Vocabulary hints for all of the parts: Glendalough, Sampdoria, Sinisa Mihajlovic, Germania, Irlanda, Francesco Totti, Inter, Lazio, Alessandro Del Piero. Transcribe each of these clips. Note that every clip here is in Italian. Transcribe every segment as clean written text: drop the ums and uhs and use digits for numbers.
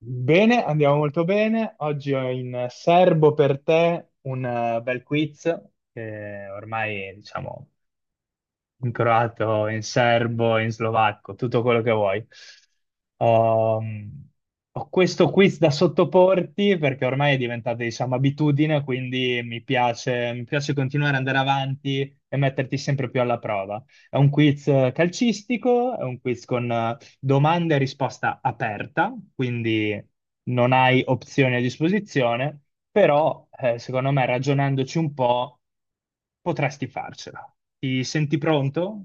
Bene, andiamo molto bene. Oggi ho in serbo per te un bel quiz che ormai, diciamo, in croato, in serbo, in slovacco, tutto quello che vuoi. Ho, ho questo quiz da sottoporti perché ormai è diventata, diciamo, abitudine, quindi mi piace continuare ad andare avanti e metterti sempre più alla prova. È un quiz calcistico, è un quiz con domanda e risposta aperta, quindi non hai opzioni a disposizione. Però, secondo me, ragionandoci un po', potresti farcela. Ti senti pronto?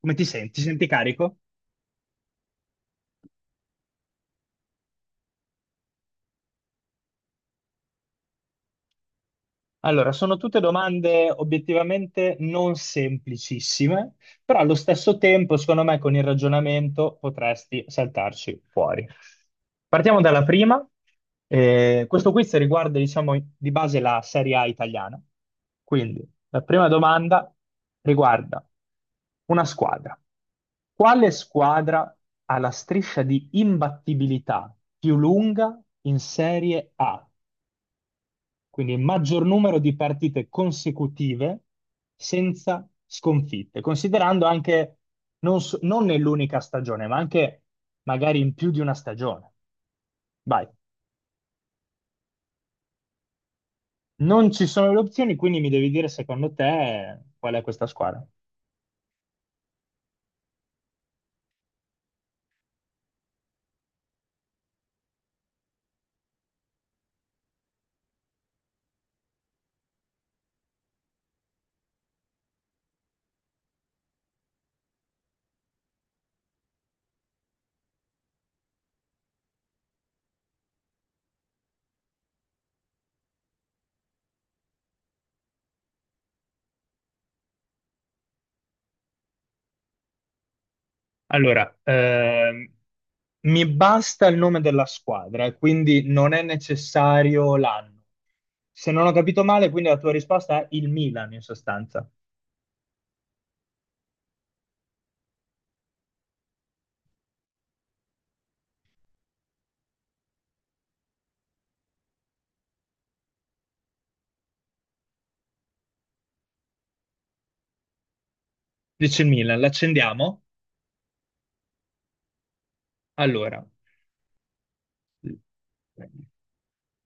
Come ti senti? Ti senti carico? Allora, sono tutte domande obiettivamente non semplicissime, però allo stesso tempo, secondo me, con il ragionamento potresti saltarci fuori. Partiamo dalla prima. Questo quiz riguarda, diciamo, di base la Serie A italiana. Quindi, la prima domanda riguarda una squadra. Quale squadra ha la striscia di imbattibilità più lunga in Serie A? Quindi il maggior numero di partite consecutive senza sconfitte, considerando anche non nell'unica stagione, ma anche magari in più di una stagione. Vai. Non ci sono le opzioni, quindi mi devi dire secondo te qual è questa squadra. Allora, mi basta il nome della squadra, e quindi non è necessario l'anno. Se non ho capito male, quindi la tua risposta è il Milan in sostanza. Dice il Milan, l'accendiamo? Allora,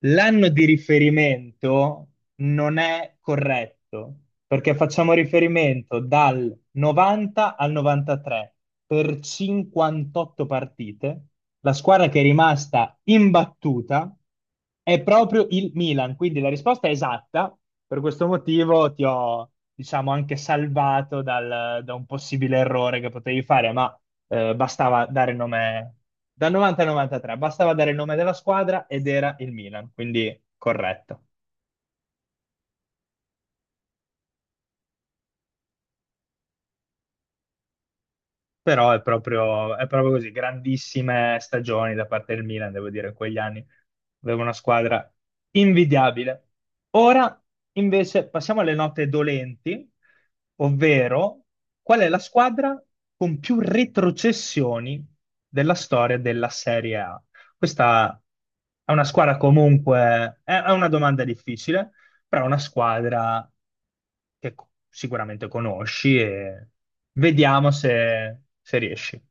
l'anno di riferimento non è corretto perché facciamo riferimento dal 90 al 93 per 58 partite. La squadra che è rimasta imbattuta è proprio il Milan, quindi la risposta è esatta. Per questo motivo ti ho, diciamo, anche salvato da un possibile errore che potevi fare, ma bastava dare nome dal 90 al 93, bastava dare il nome della squadra ed era il Milan, quindi corretto. Però è proprio così, grandissime stagioni da parte del Milan, devo dire, in quegli anni. Aveva una squadra invidiabile. Ora invece passiamo alle note dolenti, ovvero qual è la squadra con più retrocessioni della storia della Serie A? Questa è una squadra comunque, è una domanda difficile però è una squadra che sicuramente conosci e vediamo se, se riesci.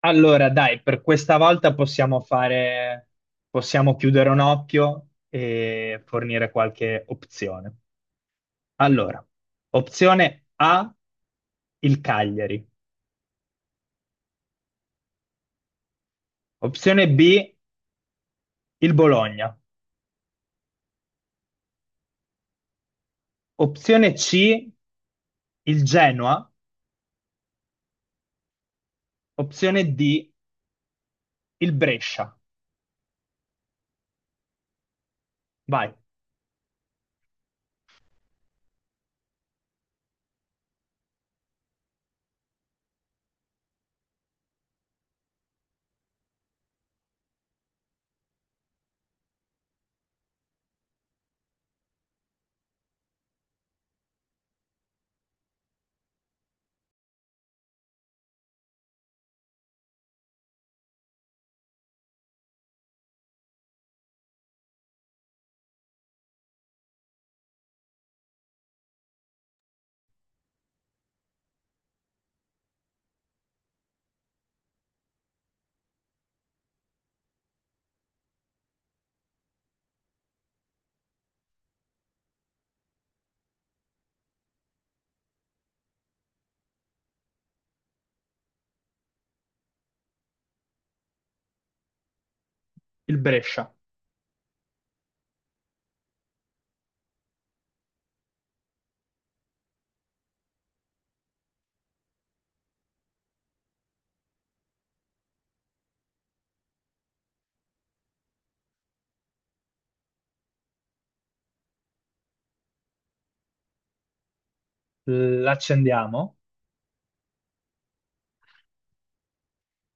Allora, dai, per questa volta possiamo fare, possiamo chiudere un occhio e fornire qualche opzione. Allora, opzione A, il Cagliari, opzione B, il Bologna, opzione C, il Genoa, opzione D, il Brescia. Vai, il Brescia. L'accendiamo?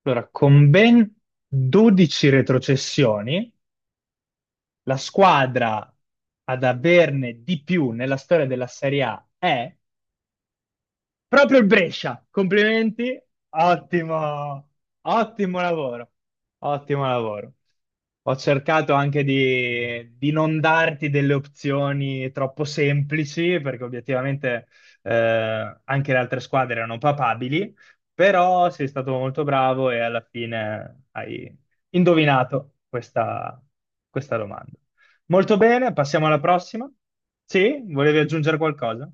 Allora, con ben 12 retrocessioni, la squadra ad averne di più nella storia della Serie A è proprio il Brescia, complimenti, ottimo, ottimo lavoro, ottimo lavoro. Ho cercato anche di non darti delle opzioni troppo semplici, perché obiettivamente anche le altre squadre erano papabili, però sei stato molto bravo e alla fine hai indovinato questa, questa domanda. Molto bene, passiamo alla prossima. Sì, volevi aggiungere qualcosa?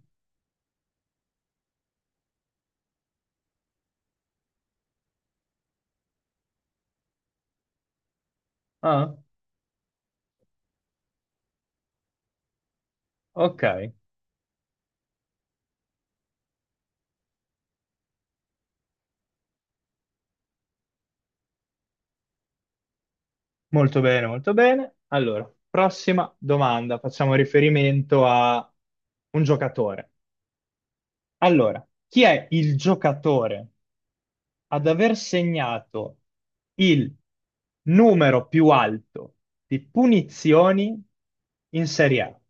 Ah, ok. Molto bene, molto bene. Allora, prossima domanda. Facciamo riferimento a un giocatore. Allora, chi è il giocatore ad aver segnato il numero più alto di punizioni in Serie A?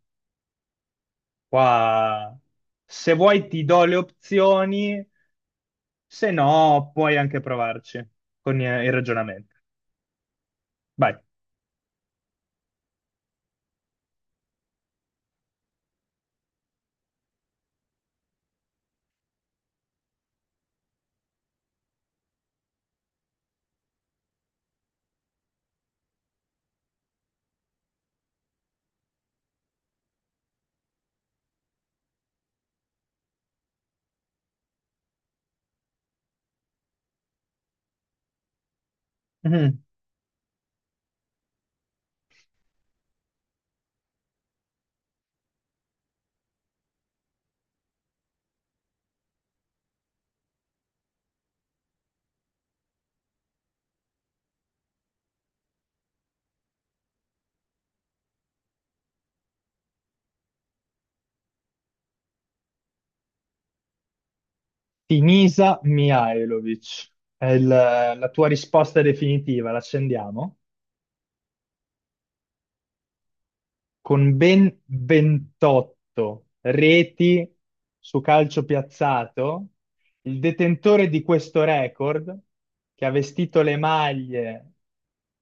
Qua, se vuoi ti do le opzioni, se no puoi anche provarci con il ragionamento. Vai. Sinisa Mihajlovic, è la tua risposta definitiva, l'accendiamo? Con ben 28 reti su calcio piazzato, il detentore di questo record, che ha vestito le maglie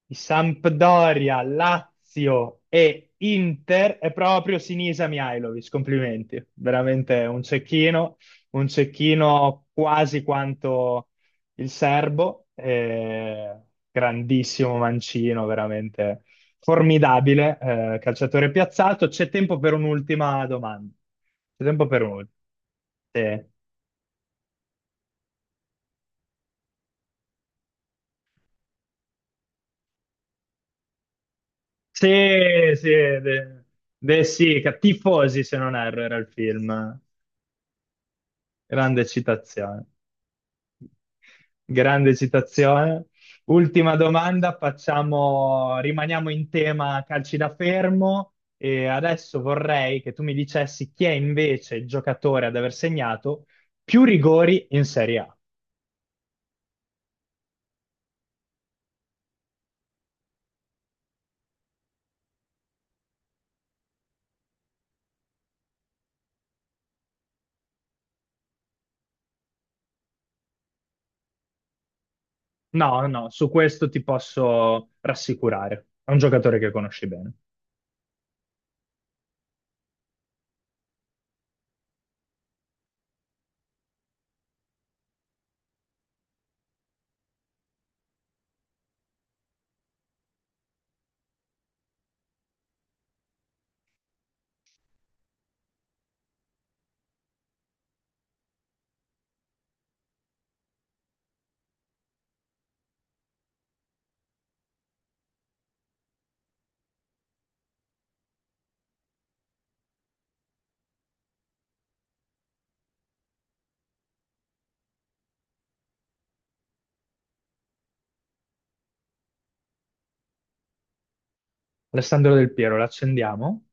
di Sampdoria, Lazio e Inter, è proprio Sinisa Mihajlovic. Complimenti, veramente un cecchino quasi quanto il serbo, grandissimo mancino, veramente formidabile, calciatore piazzato. C'è tempo per un'ultima domanda. C'è tempo per un'ultima. Sì, sì, sì, sì, Tifosi, se non erro, era il film. Grande citazione. Grande citazione. Ultima domanda, facciamo, rimaniamo in tema calci da fermo e adesso vorrei che tu mi dicessi chi è invece il giocatore ad aver segnato più rigori in Serie A. No, no, su questo ti posso rassicurare. È un giocatore che conosci bene. Alessandro Del Piero, l'accendiamo?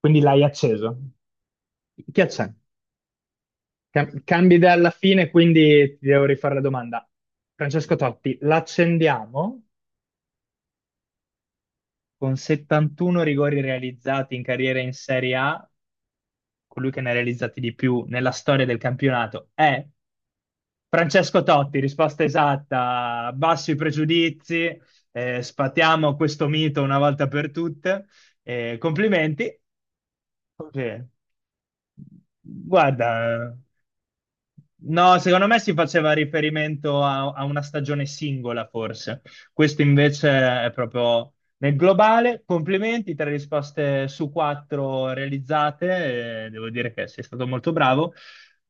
Quindi l'hai acceso. Chi accendi? Cambi idea alla fine, quindi ti devo rifare la domanda. Francesco Totti, l'accendiamo con 71 rigori realizzati in carriera in Serie A, colui che ne ha realizzati di più nella storia del campionato è Francesco Totti, risposta esatta, basso i pregiudizi, sfatiamo questo mito una volta per tutte. Complimenti. Ok. Guarda. No, secondo me si faceva riferimento a, a una stagione singola, forse. Questo invece è proprio nel globale. Complimenti, tre risposte su quattro realizzate. Devo dire che sei stato molto bravo.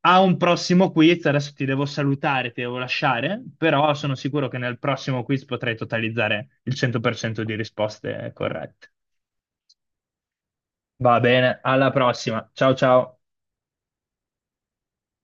A un prossimo quiz, adesso ti devo salutare, ti devo lasciare, però sono sicuro che nel prossimo quiz potrai totalizzare il 100% di risposte corrette. Va bene, alla prossima. Ciao ciao.